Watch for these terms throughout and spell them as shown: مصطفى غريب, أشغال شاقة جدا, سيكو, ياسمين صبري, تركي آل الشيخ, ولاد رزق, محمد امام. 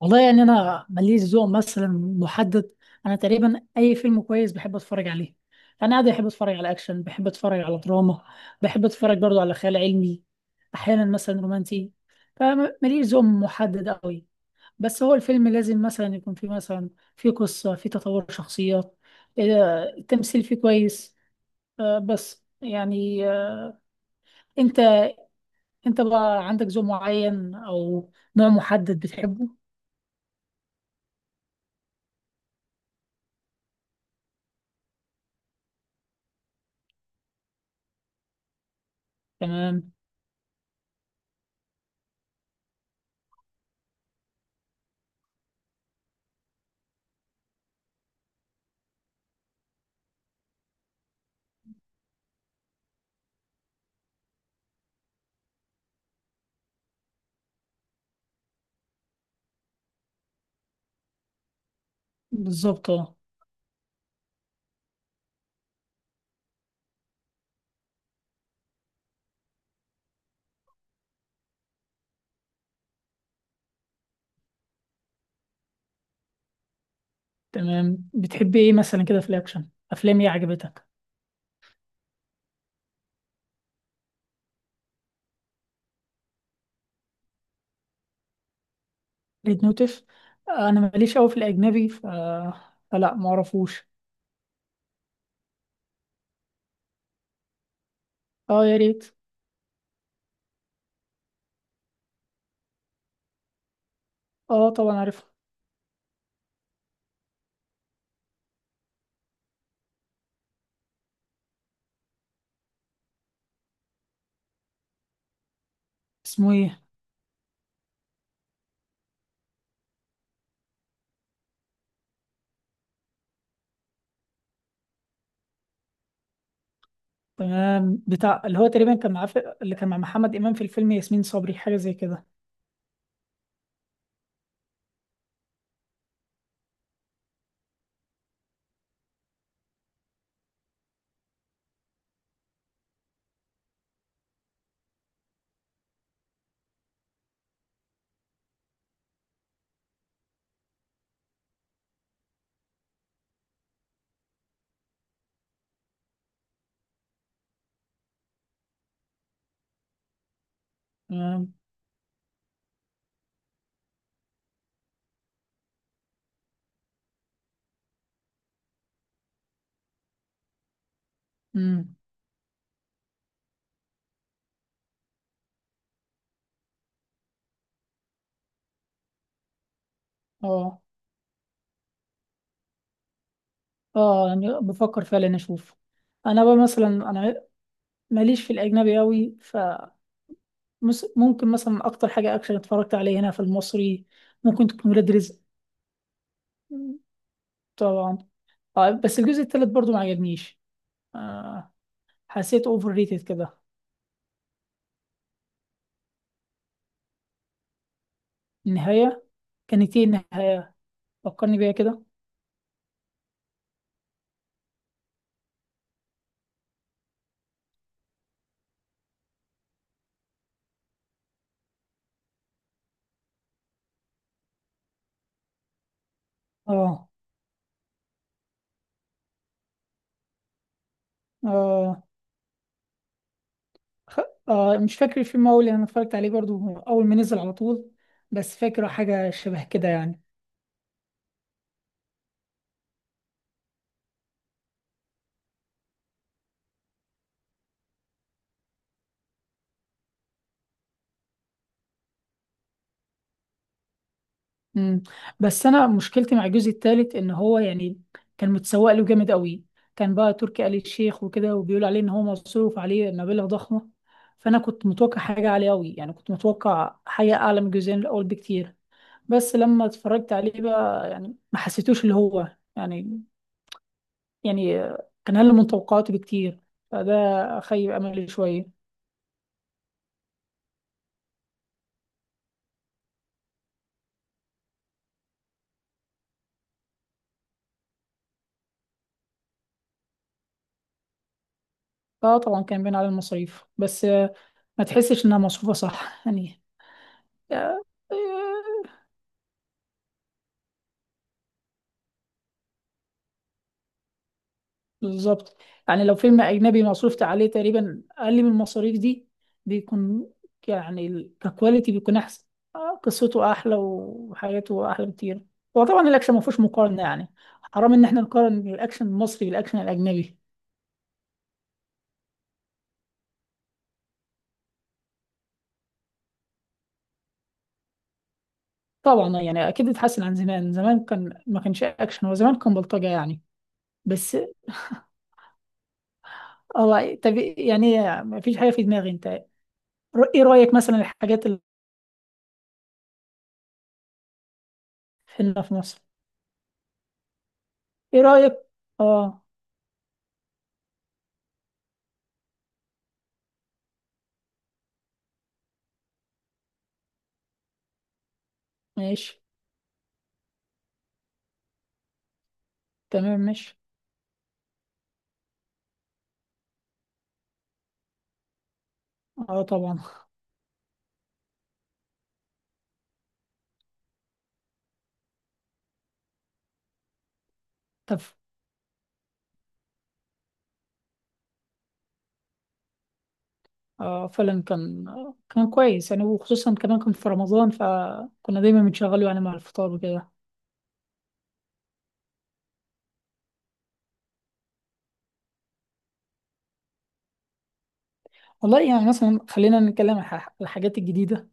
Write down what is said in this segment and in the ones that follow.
والله يعني انا ماليش ذوق مثلا محدد. انا تقريبا اي فيلم كويس بحب اتفرج عليه. انا عادي بحب اتفرج على اكشن، بحب اتفرج على دراما، بحب اتفرج برضو على خيال علمي، احيانا مثلا رومانسي. فماليش ذوق محدد قوي، بس هو الفيلم لازم مثلا يكون فيه مثلا فيه قصة، فيه تطور شخصيات، التمثيل فيه كويس. آه، بس يعني آه، انت انت بقى عندك ذوق معين او نوع محدد بتحبه؟ تمام، بالظبط اه. تمام، بتحبي ايه مثلا كده في الاكشن؟ افلام ايه عجبتك؟ ريد نوتف، انا ماليش قوي في الاجنبي ف... فلا ما اعرفوش. اه يا ريت. اه طبعا عارف. اسمه ايه؟ تمام، بتاع اللي هو تقريبا كان معاه في... اللي كان مع محمد امام في الفيلم، ياسمين صبري حاجه زي كده. تمام. امم. اه. اه يعني بفكر فعلا اشوف. انا بقى مثلا ماليش في الاجنبي قوي ف ممكن مثلا اكتر حاجه اكشن اتفرجت عليها هنا في المصري ممكن تكون ولاد رزق. طبعا. اه بس الجزء التالت برضو ما عجبنيش. آه، حسيت اوفر ريتد كده. النهاية؟ كانت ايه النهاية؟ فكرني بيها كده. اه. اه. خ... آه مش فاكر الفيلم أوي لأن أنا اتفرجت عليه برضو أول ما نزل على طول، بس فاكره حاجة شبه كده يعني. مم. بس أنا مشكلتي مع الجزء التالت إن هو يعني كان متسوق له جامد أوي، كان بقى تركي آل الشيخ وكده وبيقول عليه إن هو مصروف عليه مبالغ ضخمة. فأنا كنت متوقع حاجة عالية أوي، يعني كنت متوقع حاجة أعلى من الجزئين الأول بكتير. بس لما اتفرجت عليه بقى يعني ما حسيتوش اللي هو يعني، يعني كان أقل من توقعاتي بكتير. فده خيب أملي شوية. اه طبعا كان باين على المصاريف، بس ما تحسش إنها مصروفة صح يعني. آه، آه، بالظبط. يعني لو فيلم أجنبي مصروفت عليه تقريبا أقل من المصاريف دي بيكون، يعني ال- ككواليتي بيكون أحسن. آه، قصته أحلى وحاجاته أحلى بكتير. هو طبعا الأكشن ما فيهوش مقارنة يعني، حرام إن إحنا نقارن الأكشن المصري بالأكشن الأجنبي. طبعا يعني أكيد اتحسن عن زمان، زمان كان ما كانش أكشن، هو زمان كان بلطجة يعني. بس. هو طب يعني ما فيش حاجة في دماغي. أنت إيه رأيك مثلا الحاجات اللي هنا في مصر؟ إيه رأيك؟ آه. ماشي. تمام ماشي. اه طبعا. تف. آه فعلا كان، كان كويس يعني، وخصوصا كمان كان في رمضان فكنا دايما بنشغله يعني مع الفطار وكده. والله يعني مثلا خلينا نتكلم عن الحاجات الجديدة.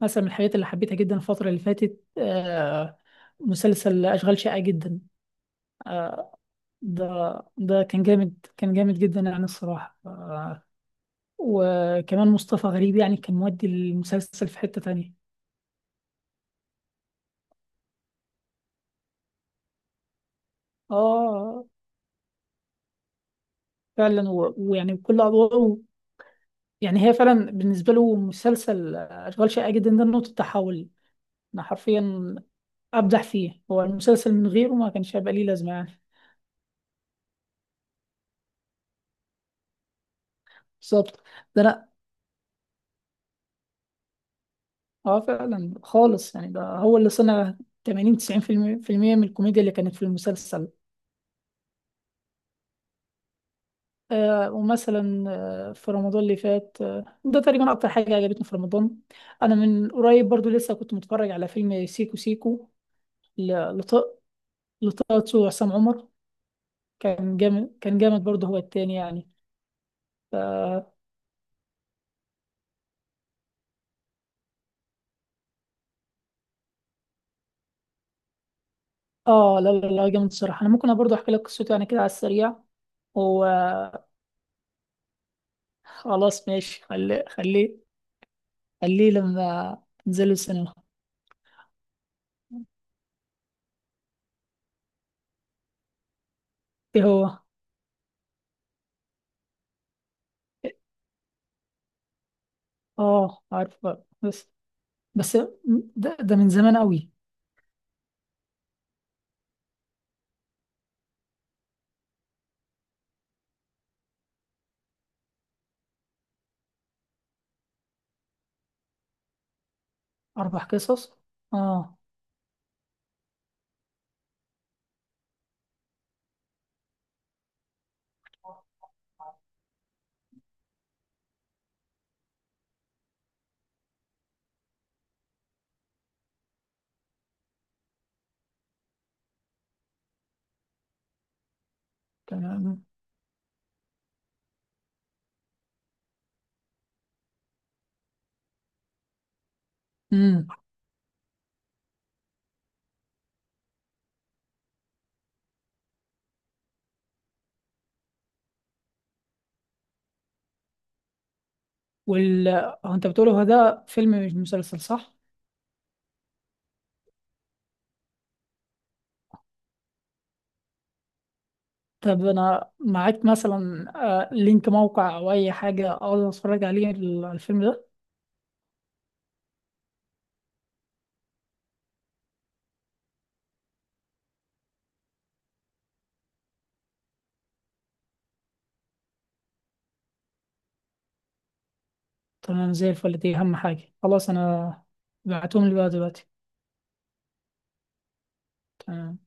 مثلا من الحاجات اللي حبيتها جدا الفترة اللي فاتت آه، مسلسل أشغال شاقة جدا. آه. ده ده كان جامد، كان جامد جدا يعني الصراحة. آه، وكمان مصطفى غريب يعني كان مودي المسلسل في حتة تانية. اه فعلا، ويعني كل أدواره يعني، هي فعلا بالنسبة له مسلسل أشغال شاقة جدا ده نقطة تحول. أنا حرفيا أبدع فيه، هو المسلسل من غيره ما كانش هيبقى ليه لازمة يعني. بالظبط. ده لأ. اه فعلا خالص يعني ده هو اللي صنع 80 90% في المية في المية من الكوميديا اللي كانت في المسلسل. آه ومثلا آه في رمضان اللي فات، آه ده تقريبا أكتر حاجة عجبتني في رمضان. أنا من قريب برضو لسه كنت متفرج على فيلم سيكو سيكو، ل- لط- لطه دسوقي وعصام عمر. كان جامد، كان جامد برضه هو التاني يعني. ف... اه لا لا لا جامد الصراحه، انا ممكن برضه احكي لك قصته يعني كده على السريع وخلاص. ماشي خليه لما تنزلوا السينما. ايه هو؟ اه عارف بقى. بس، بس ده من زمان قوي. اربع قصص. اه. تمام. امم. وال، هو انت بتقول هو ده فيلم مش مسلسل صح؟ طب انا معاك مثلا آه، لينك موقع او اي حاجه اقدر اتفرج عليه الفيلم ده. تمام زي الفل، دي أهم حاجة. خلاص أنا بعتهم لي بقى دلوقتي. تمام.